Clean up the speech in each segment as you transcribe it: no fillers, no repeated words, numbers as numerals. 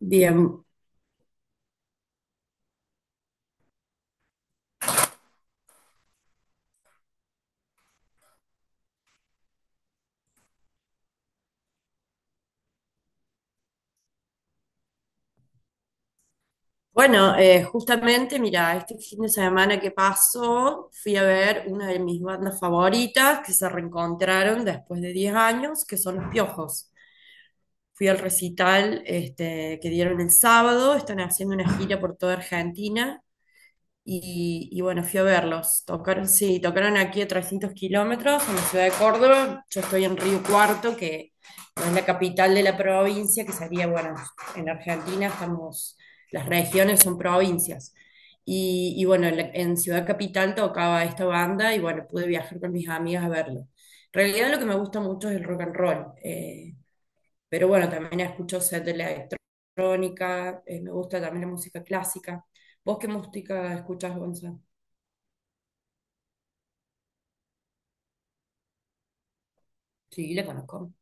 Bien, bueno, justamente, mira, este fin de semana que pasó, fui a ver una de mis bandas favoritas que se reencontraron después de 10 años, que son Los Piojos. Fui al recital este, que dieron el sábado, están haciendo una gira por toda Argentina. Y bueno, fui a verlos. Tocaron, sí, tocaron aquí a 300 kilómetros, en la ciudad de Córdoba. Yo estoy en Río Cuarto, que no es la capital de la provincia, que sería, bueno, en Argentina estamos, las regiones son provincias. Y bueno, en Ciudad Capital tocaba esta banda y bueno, pude viajar con mis amigas a verlo. En realidad, lo que me gusta mucho es el rock and roll. Pero bueno, también escucho set de electrónica, me gusta también la música clásica. ¿Vos qué música escuchás, Gonzalo? Sí, le conozco.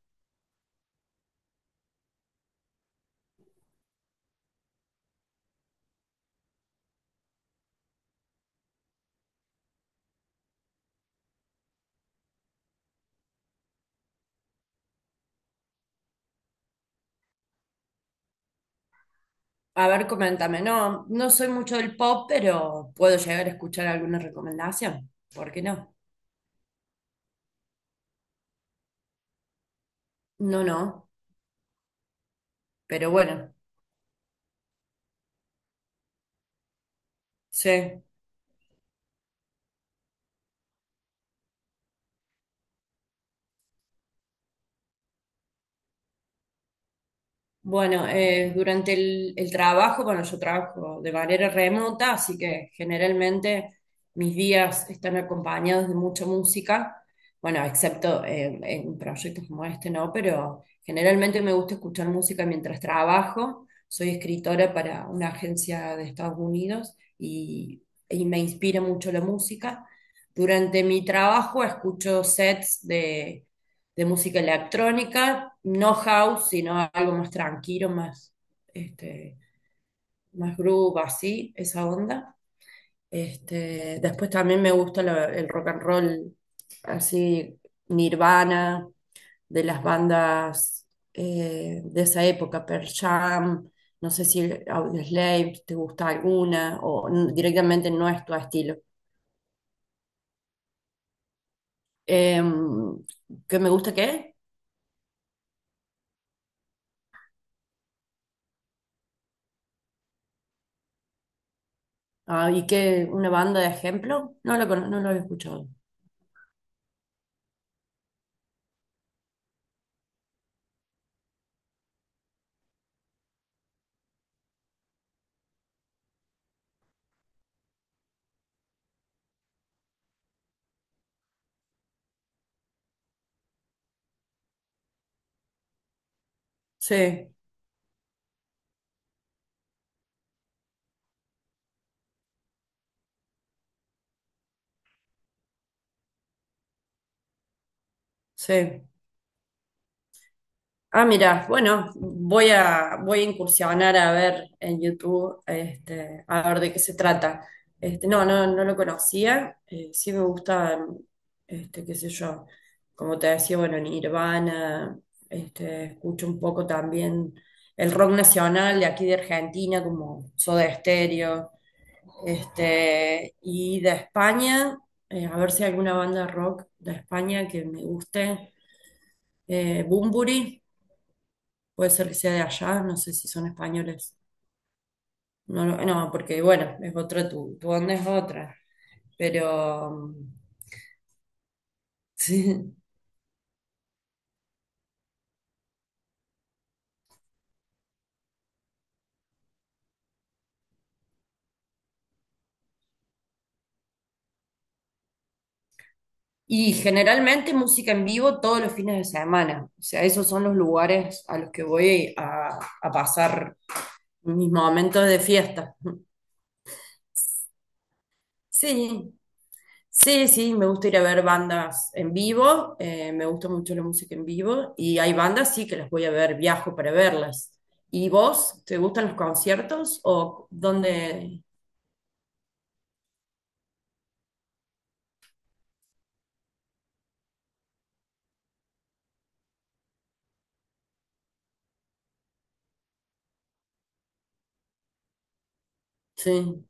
A ver, coméntame. No, no soy mucho del pop, pero puedo llegar a escuchar alguna recomendación. ¿Por qué no? No, no. Pero bueno, sí. Bueno, durante el trabajo, bueno, yo trabajo de manera remota, así que generalmente mis días están acompañados de mucha música, bueno, excepto en proyectos como este, ¿no? Pero generalmente me gusta escuchar música mientras trabajo. Soy escritora para una agencia de Estados Unidos, y me inspira mucho la música. Durante mi trabajo escucho sets de música electrónica, no house, sino algo más tranquilo, más, este, más groove, así, esa onda. Este, después también me gusta el rock and roll, así, Nirvana, de las bandas de esa época, Pearl Jam, no sé si Audioslave, si te gusta alguna, o directamente no es tu estilo. Em, ¿Qué me gusta qué? Ah, ¿y qué? ¿Una banda de ejemplo? No lo había escuchado. Sí, sí. Ah, mira, bueno, voy a incursionar a ver en YouTube, este, a ver de qué se trata. Este, no, no, no lo conocía. Sí me gustan, este, qué sé yo, como te decía, bueno, Nirvana, este, escucho un poco también el rock nacional de aquí de Argentina, como Soda Stereo. Este, y de España, a ver si hay alguna banda rock de España que me guste. Bunbury, puede ser que sea de allá, no sé si son españoles. No, no, porque bueno, es otra, tu onda es otra. Pero sí. Y generalmente música en vivo todos los fines de semana. O sea, esos son los lugares a los que voy a pasar mis momentos de fiesta. Sí, sí, sí, me gusta ir a ver bandas en vivo, me gusta mucho la música en vivo, y hay bandas, sí, que las voy a ver, viajo para verlas. ¿Y vos, te gustan los conciertos o dónde? Sí,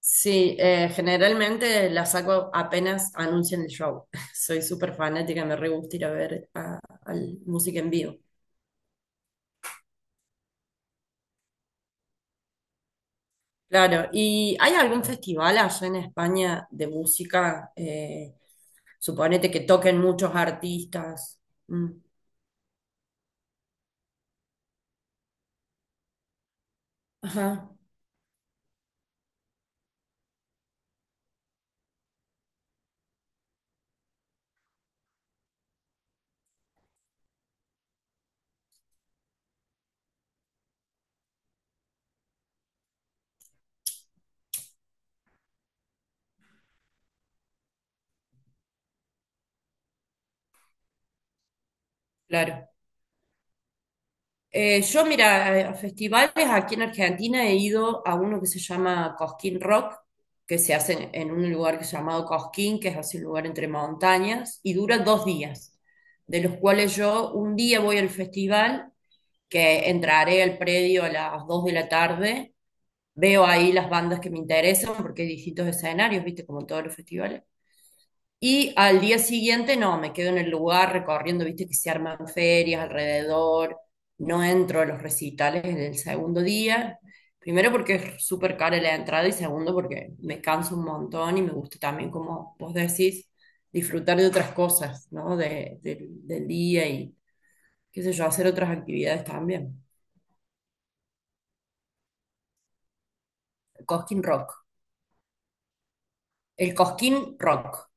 sí, generalmente las saco apenas anuncian el show. Soy súper fanática, me re gusta ir a ver al música en vivo. Claro, ¿y hay algún festival allá en España de música? Suponete que toquen muchos artistas. Mm. Ajá, claro. Yo, mira, a festivales aquí en Argentina he ido a uno que se llama Cosquín Rock, que se hace en un lugar que es llamado Cosquín, que es así un lugar entre montañas, y dura 2 días, de los cuales yo un día voy al festival, que entraré al predio a las 2 de la tarde, veo ahí las bandas que me interesan, porque hay distintos escenarios, viste, como en todos los festivales. Y al día siguiente, no, me quedo en el lugar recorriendo, viste que se arman ferias alrededor, no entro a los recitales en el segundo día, primero porque es súper cara la entrada y segundo porque me canso un montón y me gusta también, como vos decís, disfrutar de otras cosas, ¿no? Del día y, qué sé yo, hacer otras actividades también. El Cosquín Rock. El Cosquín Rock.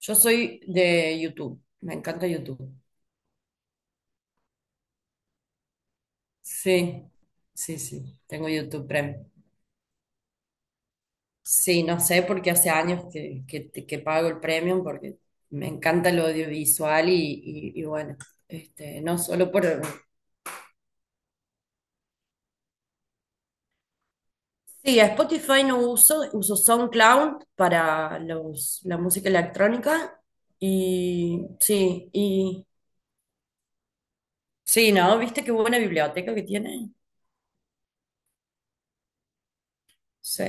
Yo soy de YouTube, me encanta YouTube. Sí, sí, sí, tengo YouTube Premium. Sí, no sé, porque hace años que pago el Premium, porque me encanta el audiovisual y bueno, este, no solo por... Sí, a Spotify no uso, uso SoundCloud para la música electrónica y sí, ¿no? ¿Viste qué buena biblioteca que tiene? Sí.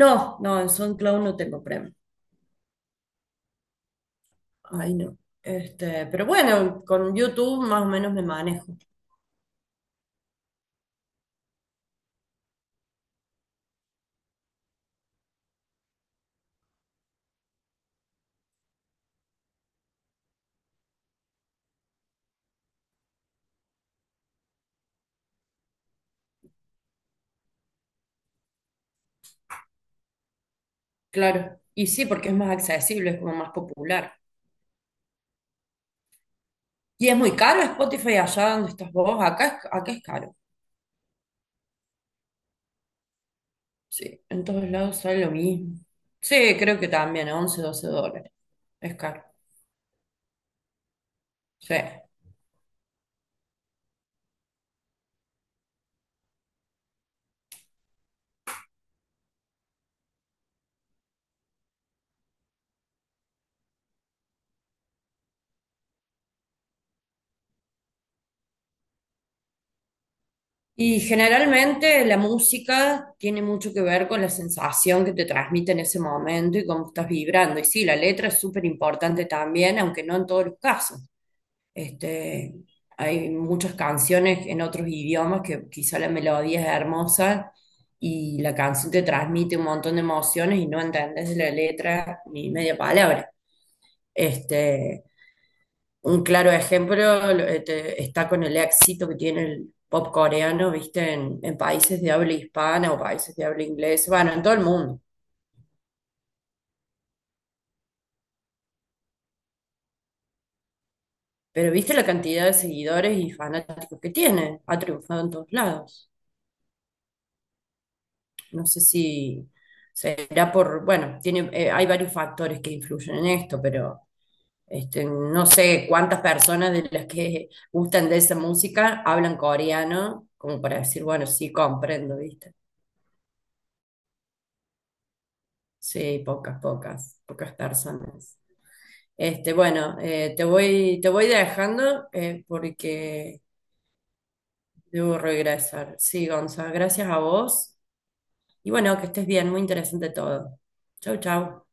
No, no, en SoundCloud no tengo Premium. Ay, no. Este, pero bueno, con YouTube más o menos me manejo. Claro. Y sí, porque es más accesible, es como más popular. Y es muy caro Spotify allá donde estás vos. Acá es caro. Sí, en todos lados sale lo mismo. Sí, creo que también, $11, $12. Es caro. Sí. Y generalmente la música tiene mucho que ver con la sensación que te transmite en ese momento y cómo estás vibrando. Y sí, la letra es súper importante también, aunque no en todos los casos. Este, hay muchas canciones en otros idiomas que quizá la melodía es hermosa y la canción te transmite un montón de emociones y no entendés la letra ni media palabra. Este, un claro ejemplo este, está con el éxito que tiene el pop coreano, viste, en países de habla hispana o países de habla inglesa, bueno, en todo el mundo. Pero viste la cantidad de seguidores y fanáticos que tiene, ha triunfado en todos lados. No sé si será por, bueno, tiene, hay varios factores que influyen en esto, pero este, no sé cuántas personas de las que gustan de esa música hablan coreano, como para decir, bueno, sí, comprendo, ¿viste? Sí, pocas, pocas, pocas personas. Este, bueno, te voy dejando porque debo regresar. Sí, Gonzalo, gracias a vos. Y bueno, que estés bien, muy interesante todo. Chau, chau.